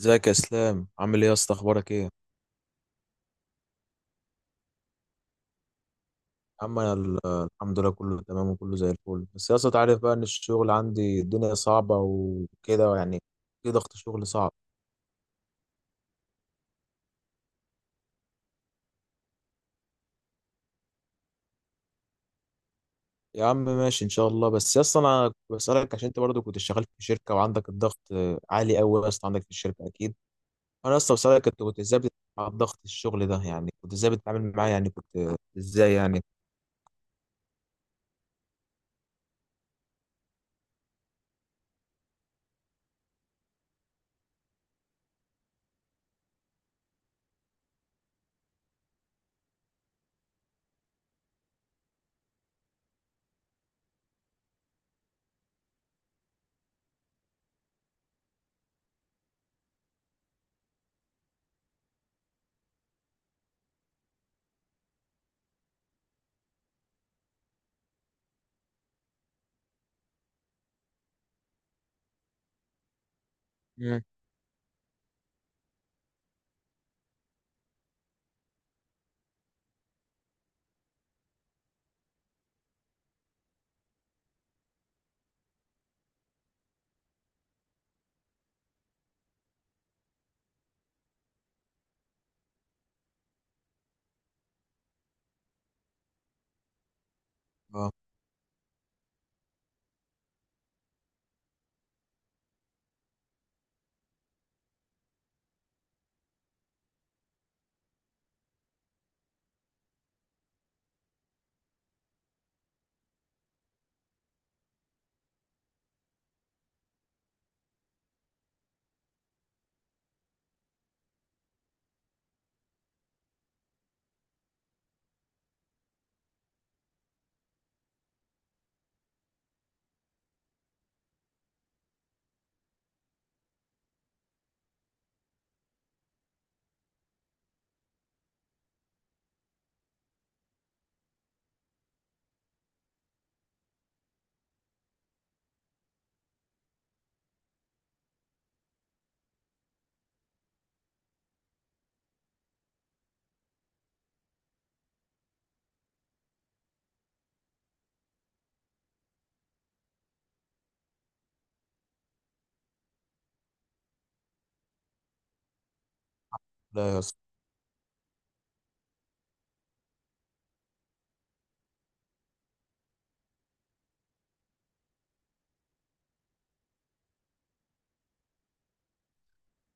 ازيك يا اسلام؟ عامل ايه يا اسطى؟ اخبارك ايه يا عم؟ الحمد لله، كله تمام وكله زي الفل. بس يا اسطى، تعرف بقى ان الشغل عندي الدنيا صعبه وكده يعني، في ضغط شغل صعب. يا عم ماشي ان شاء الله. بس يا اسطى، انا كنت بسالك عشان انت برضه كنت شغال في شركه وعندك الضغط عالي قوي يا اسطى عندك في الشركه اكيد. انا يا اسطى بسالك، انت كنت ازاي بتتعامل مع ضغط الشغل ده؟ يعني كنت ازاي بتتعامل معاه؟ يعني كنت ازاي يعني؟ مم. اه. لا يا اسطى.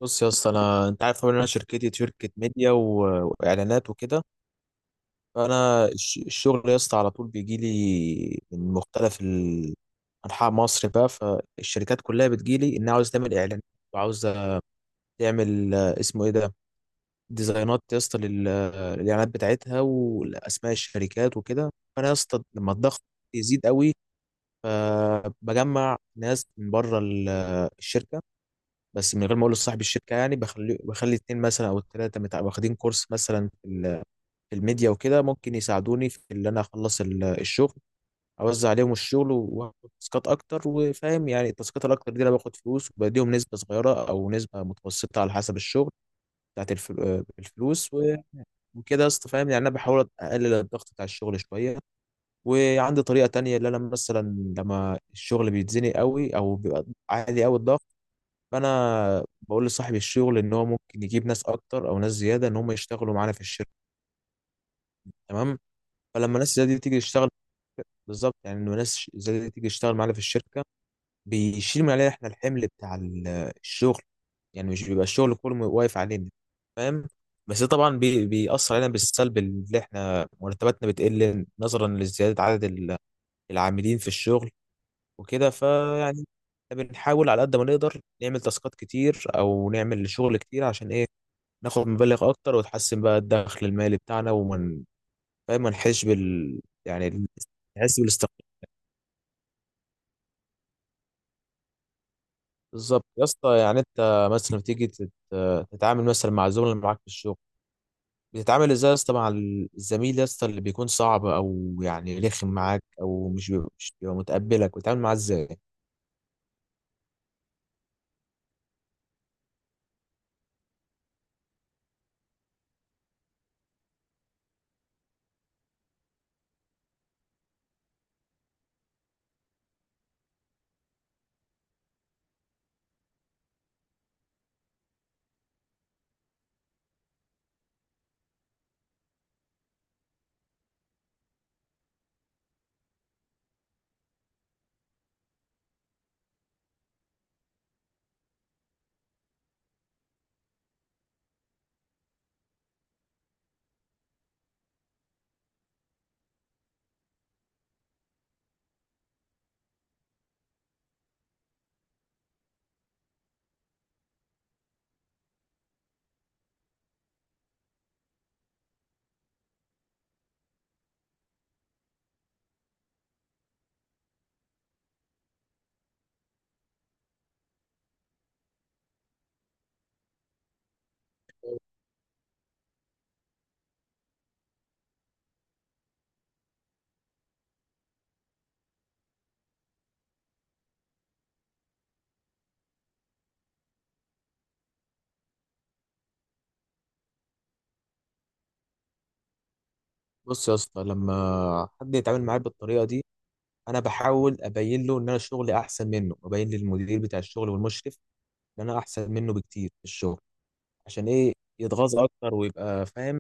بص يا اسطى، انا انت عارف طبعا ان انا شركتي شركه ميديا و... واعلانات وكده. الشغل يا اسطى على طول بيجي لي من مختلف انحاء مصر بقى. فالشركات كلها بتجي لي انها عاوز تعمل اعلان وعاوزه تعمل اسمه ايه ده، ديزاينات يا اسطى للاعلانات بتاعتها والاسماء الشركات وكده. فانا يا اسطى لما الضغط يزيد قوي، فبجمع ناس من بره الشركه، بس من غير ما اقول لصاحب الشركه. يعني بخلي اتنين مثلا او التلاته واخدين كورس مثلا الميديا وكده، ممكن يساعدوني في اللي انا اخلص الشغل، اوزع عليهم الشغل واخد تاسكات اكتر. وفاهم يعني التاسكات الاكتر دي انا باخد فلوس وبديهم نسبه صغيره او نسبه متوسطه على حسب الشغل بتاعت الفلوس و- وكده يا اسطى. فاهم يعني انا بحاول اقلل الضغط بتاع الشغل شويه. وعندي طريقه تانية، اللي انا مثلا لما الشغل بيتزنق قوي او بيبقى عالي قوي الضغط، فانا بقول لصاحب الشغل ان هو ممكن يجيب ناس اكتر او ناس زياده ان هم يشتغلوا معانا في الشركه. تمام. فلما الناس دي تيجي تشتغل، بالظبط يعني، انه ناس زي دي تيجي تشتغل معانا في الشركه بيشيل من علينا احنا الحمل بتاع الشغل، يعني مش بيبقى الشغل كله واقف علينا. فاهم. بس ده طبعا بيأثر علينا بالسلب، اللي احنا مرتباتنا بتقل نظرا لزياده عدد العاملين في الشغل وكده. فيعني إحنا بنحاول على قد ما نقدر نعمل تاسكات كتير او نعمل شغل كتير، عشان ايه؟ ناخد مبالغ اكتر وتحسن بقى الدخل المالي بتاعنا، ومن فاهم ما نحسش بال يعني، نحس بالاستقرار. بالظبط يا اسطى. يعني انت مثلا بتيجي تتعامل مثلا مع الزملاء اللي معاك في الشغل، بتتعامل ازاي يا اسطى مع الزميل يا اسطى اللي بيكون صعب او يعني رخم معاك او مش بيبقى متقبلك، بتتعامل معاه ازاي؟ بص يا اسطى، لما حد يتعامل معايا بالطريقه دي، انا بحاول ابين له ان انا شغلي احسن منه، وابين للمدير بتاع الشغل والمشرف ان انا احسن منه بكتير في الشغل. عشان ايه؟ يتغاظ اكتر ويبقى فاهم،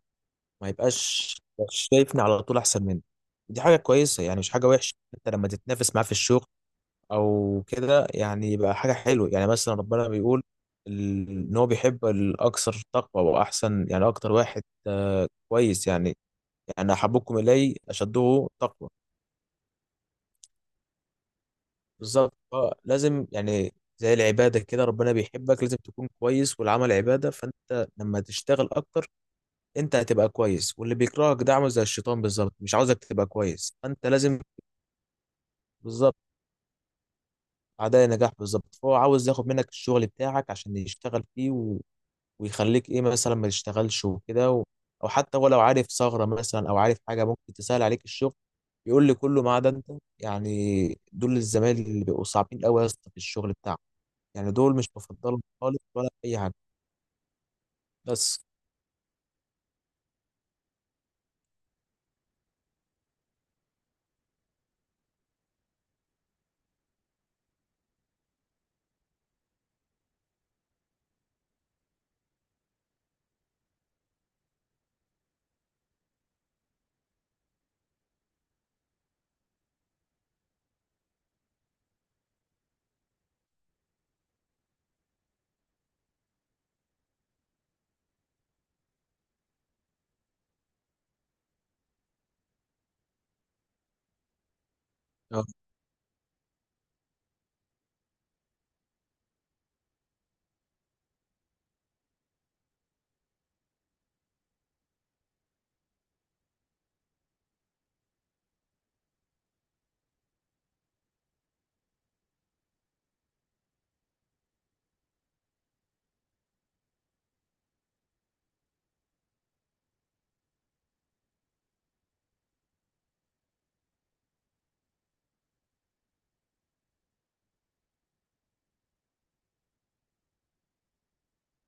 ما يبقاش شايفني على طول احسن منه. دي حاجه كويسه، يعني مش حاجه وحشه. انت لما تتنافس معاه في الشغل او كده، يعني يبقى حاجه حلوه. يعني مثلا ربنا بيقول ان هو بيحب الاكثر تقوى واحسن. يعني اكتر واحد كويس يعني، يعني احبكم الي اشده تقوى. بالظبط لازم يعني زي العباده كده، ربنا بيحبك لازم تكون كويس، والعمل عباده. فانت لما تشتغل اكتر انت هتبقى كويس. واللي بيكرهك ده عامل زي الشيطان بالظبط، مش عاوزك تبقى كويس. فانت لازم بالظبط، اعداء نجاح بالظبط. فهو عاوز ياخد منك الشغل بتاعك عشان يشتغل فيه، و... ويخليك ايه مثلا ما تشتغلش وكده. و... او حتى هو لو عارف ثغرة مثلا او عارف حاجة ممكن تسهل عليك الشغل، يقول لي كله ما عدا انت. يعني دول الزمايل اللي بيبقوا صعبين قوي يا اسطى في الشغل بتاعهم، يعني دول مش بفضلهم خالص ولا اي حاجة. بس آه،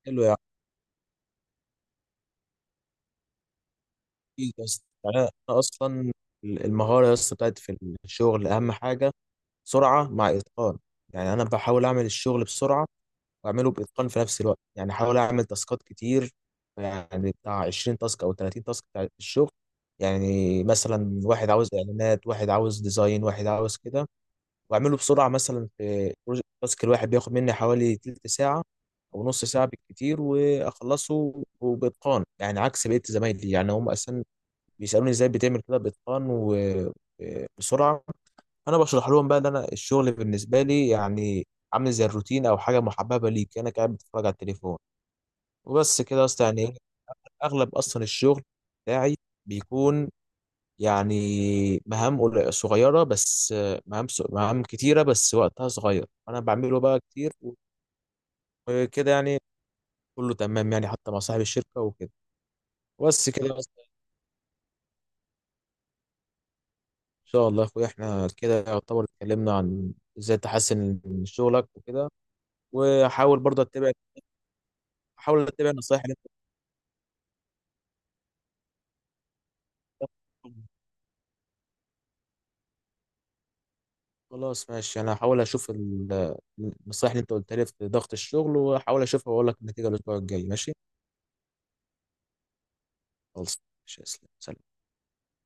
حلو يعني. أكيد يا اسطى. يعني انا اصلا المهارة يا اسطى بتاعت في الشغل اهم حاجة، سرعة مع اتقان. يعني انا بحاول اعمل الشغل بسرعة واعمله باتقان في نفس الوقت. يعني احاول اعمل تاسكات كتير، يعني بتاع 20 تاسك او 30 تاسك بتاع الشغل. يعني مثلا واحد عاوز اعلانات، واحد عاوز ديزاين، واحد عاوز كده. واعمله بسرعه. مثلا في بروجكت، التاسك الواحد بياخد مني حوالي تلت ساعه او نص ساعه بالكتير، واخلصه وباتقان، يعني عكس بقيه زمايلي. يعني هم اصلا بيسالوني ازاي بتعمل كده باتقان وبسرعه. انا بشرح لهم بقى ان انا الشغل بالنسبه لي يعني عامل زي الروتين او حاجه محببه ليك، انا قاعد بتفرج على التليفون وبس كده اصلا. يعني اغلب اصلا الشغل بتاعي بيكون يعني صغيره، بس مهام كتيره بس وقتها صغير، انا بعمله بقى كتير وكده. يعني كله تمام يعني، حتى مع صاحب الشركه وكده. بس كده اصلا. ان شاء الله يا اخويا، احنا كده يعتبر اتكلمنا عن ازاي تحسن من شغلك وكده، وحاول برضه اتبع، حاول اتبع نصايح. خلاص ماشي، انا هحاول اشوف النصائح اللي انت قلتها لي في ضغط الشغل واحاول اشوفها واقول لك النتيجه الاسبوع الجاي. ماشي. خلاص ماشي يا اسلام. سلام.